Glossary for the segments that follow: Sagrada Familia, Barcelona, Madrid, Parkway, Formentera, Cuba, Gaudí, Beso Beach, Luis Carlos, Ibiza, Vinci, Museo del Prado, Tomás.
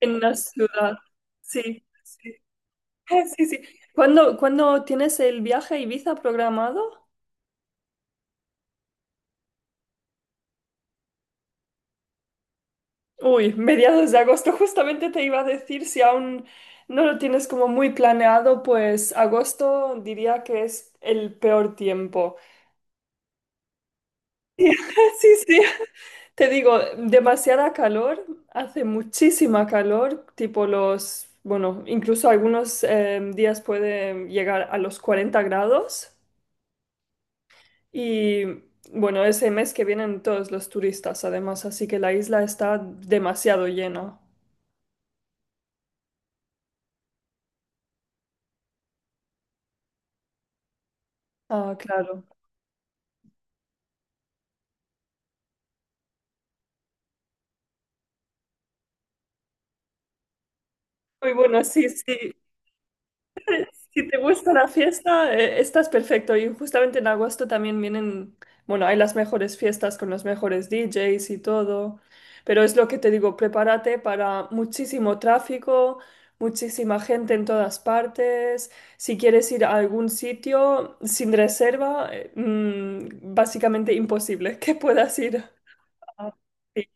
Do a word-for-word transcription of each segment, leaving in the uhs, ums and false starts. En la ciudad. Sí, sí, sí, sí. ¿Cuándo, cuándo tienes el viaje a Ibiza programado? Uy, mediados de agosto. Justamente te iba a decir, si aún no lo tienes como muy planeado, pues agosto diría que es el peor tiempo. Sí, sí. Te digo, demasiada calor, hace muchísima calor, tipo los, bueno, incluso algunos eh, días puede llegar a los cuarenta grados. Y bueno, ese mes que vienen todos los turistas, además, así que la isla está demasiado llena. Ah, claro. Muy bueno, sí, sí. Si te gusta la fiesta, eh, estás perfecto. Y justamente en agosto también vienen, bueno, hay las mejores fiestas con los mejores D J s y todo. Pero es lo que te digo, prepárate para muchísimo tráfico, muchísima gente en todas partes. Si quieres ir a algún sitio sin reserva, eh, mm, básicamente imposible que puedas ir. Ah, sí.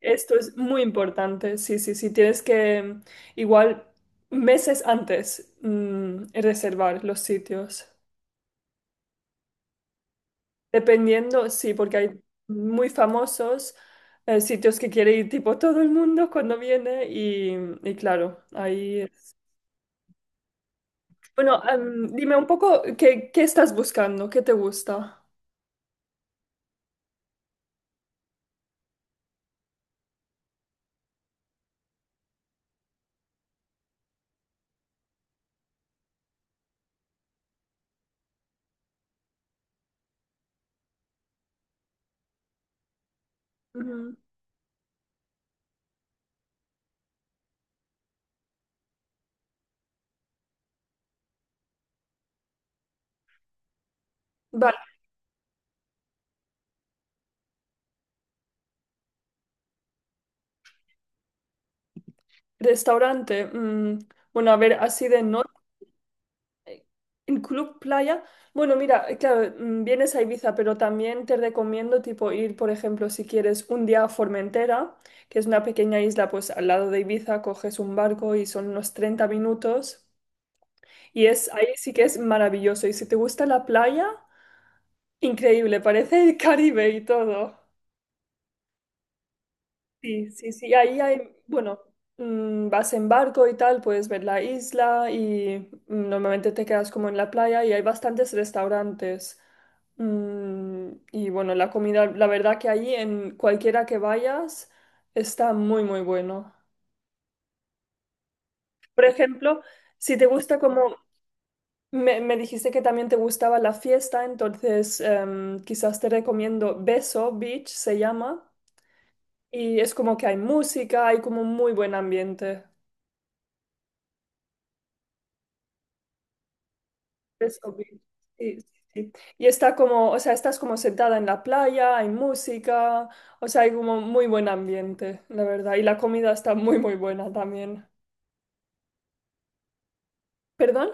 Esto es muy importante, sí, sí, sí, tienes que mm, igual meses antes mm, reservar los sitios. Dependiendo, sí, porque hay muy famosos eh, sitios que quiere ir tipo todo el mundo cuando viene y, y claro, ahí... Bueno, am, dime un poco qué, qué estás buscando, qué te gusta. Ujú. Va- Restaurante. Mm, bueno, a ver, así de norte. En Club Playa. Bueno, mira, eh, claro, mm, vienes a Ibiza, pero también te recomiendo tipo ir, por ejemplo, si quieres un día a Formentera, que es una pequeña isla, pues al lado de Ibiza, coges un barco y son unos treinta minutos. Y es ahí sí que es maravilloso. Y si te gusta la playa, increíble, parece el Caribe y todo. Sí, sí, sí, ahí hay, bueno, mm, vas en barco y tal, puedes ver la isla y mm, normalmente te quedas como en la playa y hay bastantes restaurantes. Mm, y bueno, la comida, la verdad que ahí en cualquiera que vayas está muy, muy bueno. Por ejemplo, si te gusta como, me, me dijiste que también te gustaba la fiesta, entonces em, quizás te recomiendo Beso Beach, se llama, y es como que hay música, hay como un muy buen ambiente. Es obvio. Sí, sí, sí. Y está como, o sea, estás como sentada en la playa, hay música, o sea, hay como muy buen ambiente, la verdad. Y la comida está muy, muy buena también. ¿Perdón?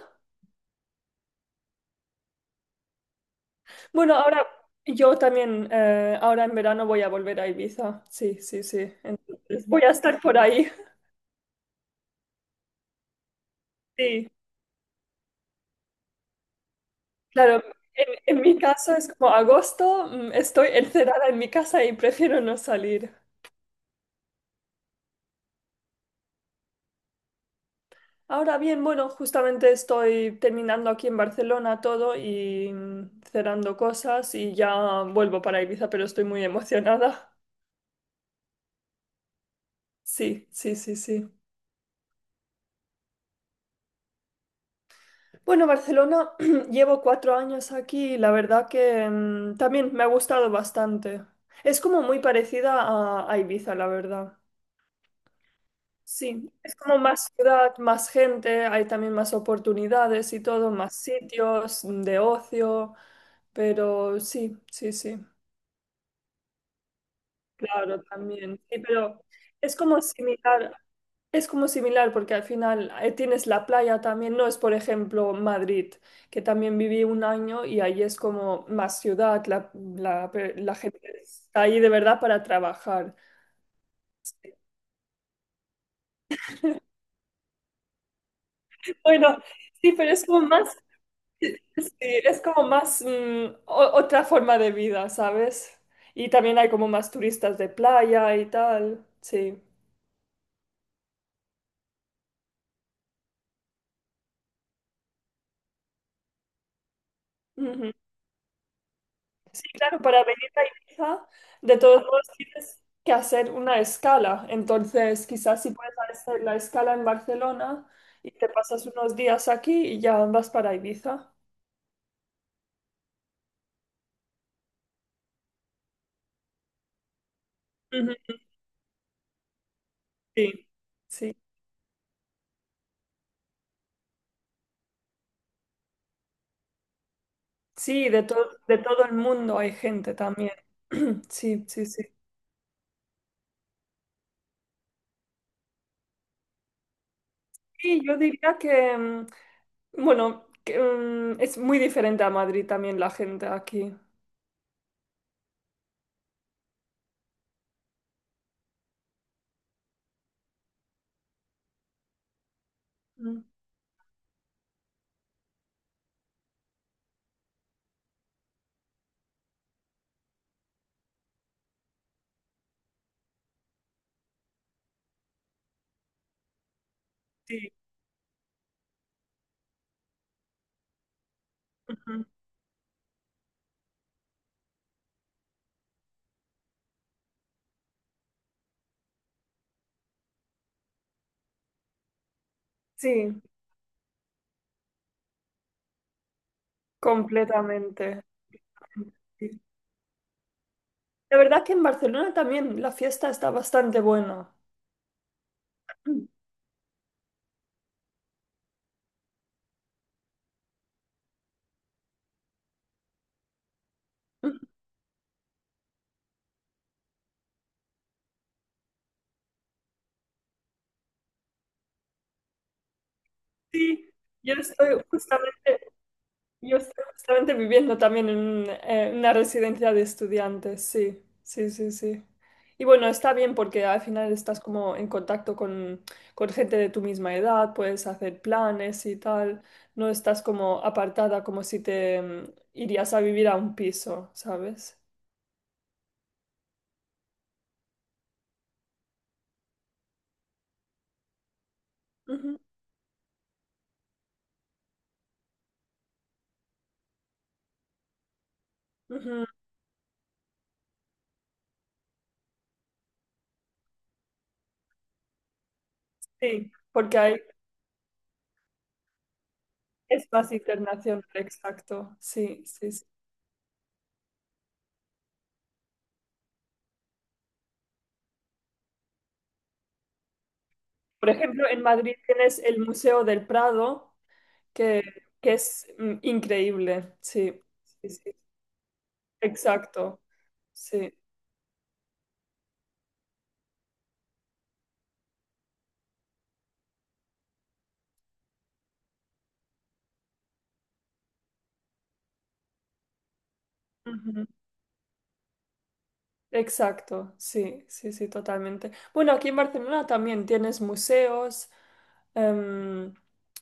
Bueno, ahora yo también, eh, ahora en verano voy a volver a Ibiza. Sí, sí, sí. Entonces voy a estar por ahí. Sí, claro. En, en mi caso es como agosto, mm, estoy encerrada en mi casa y prefiero no salir. Ahora bien, bueno, justamente estoy terminando aquí en Barcelona todo y mm, cerrando cosas y ya vuelvo para Ibiza, pero estoy muy emocionada. Sí, sí, sí, sí. Bueno, Barcelona, llevo cuatro años aquí y la verdad que mm, también me ha gustado bastante. Es como muy parecida a, a Ibiza, la verdad. Sí, es como más ciudad, más gente, hay también más oportunidades y todo, más sitios de ocio, pero sí, sí, sí. Claro, también. Sí, pero es como similar, es como similar porque al final eh, tienes la playa también, no es por ejemplo Madrid, que también viví un año y ahí es como más ciudad, la, la, pe- la gente está ahí de verdad para trabajar. Bueno, sí, pero es como más, sí, es como más mm, o- otra forma de vida, ¿sabes? Y también hay como más turistas de playa y tal, sí. Ujú. Sí, claro, para venir a Ibiza, de todos modos tienes que hacer una escala. Entonces, quizás si puedes hacer la escala en Barcelona y te pasas unos días aquí y ya vas para Ibiza. Ujú, sí, sí. Sí, de to- de todo el mundo hay gente también. Sí, sí, sí. Sí, yo diría que, mm, bueno, que, mm, es muy diferente a Madrid también la gente aquí. Mm, sí, ujú. Sí, completamente. Sí. La verdad que en Barcelona también la fiesta está bastante buena. Sí, yo estoy justamente, yo estoy justamente viviendo también en un, eh, una residencia de estudiantes, sí, sí, sí, sí. Y bueno, está bien porque al final estás como en contacto con, con gente de tu misma edad, puedes hacer planes y tal, no estás como apartada como si te mm, irías a vivir a un piso, ¿sabes? Ujú, ujú, sí, porque hay es más internacional, exacto. Sí, sí, sí. Por ejemplo, en Madrid tienes el Museo del Prado, que, que es mm, increíble. Sí, sí, sí. Exacto. Sí. Ujú. Exacto, sí, sí, sí, totalmente. Bueno, aquí en Barcelona también tienes museos, em,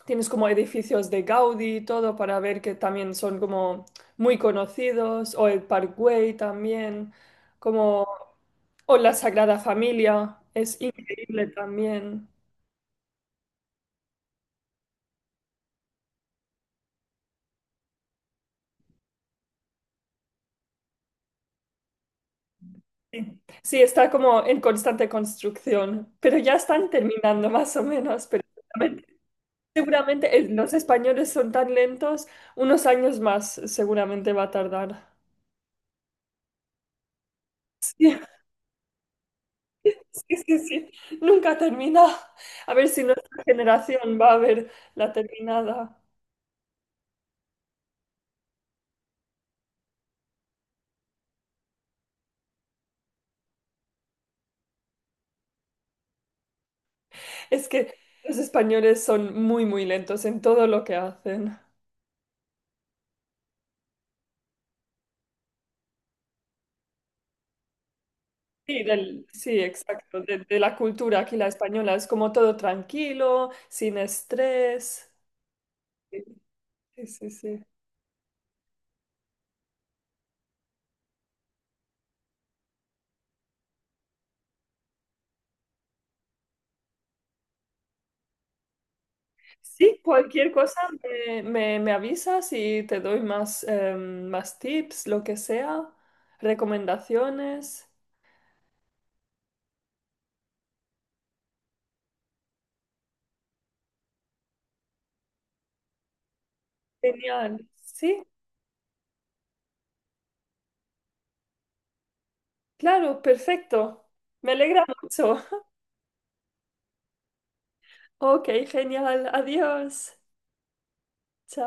tienes como edificios de Gaudí y todo para ver que también son como muy conocidos, o el Parkway también, como, o la Sagrada Familia, es increíble también. Sí, sí, está como en constante construcción, pero ya están terminando más o menos, pero seguramente eh, los españoles son tan lentos, unos años más seguramente va a tardar. Sí, sí, sí, sí. Nunca termina. A ver si nuestra generación va a ver la terminada. Es que los españoles son muy, muy lentos en todo lo que hacen. Sí, del- sí, exacto. De, de la cultura aquí, la española, es como todo tranquilo, sin estrés. Sí, sí, sí. Sí. Sí, cualquier cosa me, me- me avisas y te doy más, eh, más tips, lo que sea, recomendaciones. Genial. Sí, claro, perfecto. Me alegra mucho. Ok, genial. Adiós. Chao.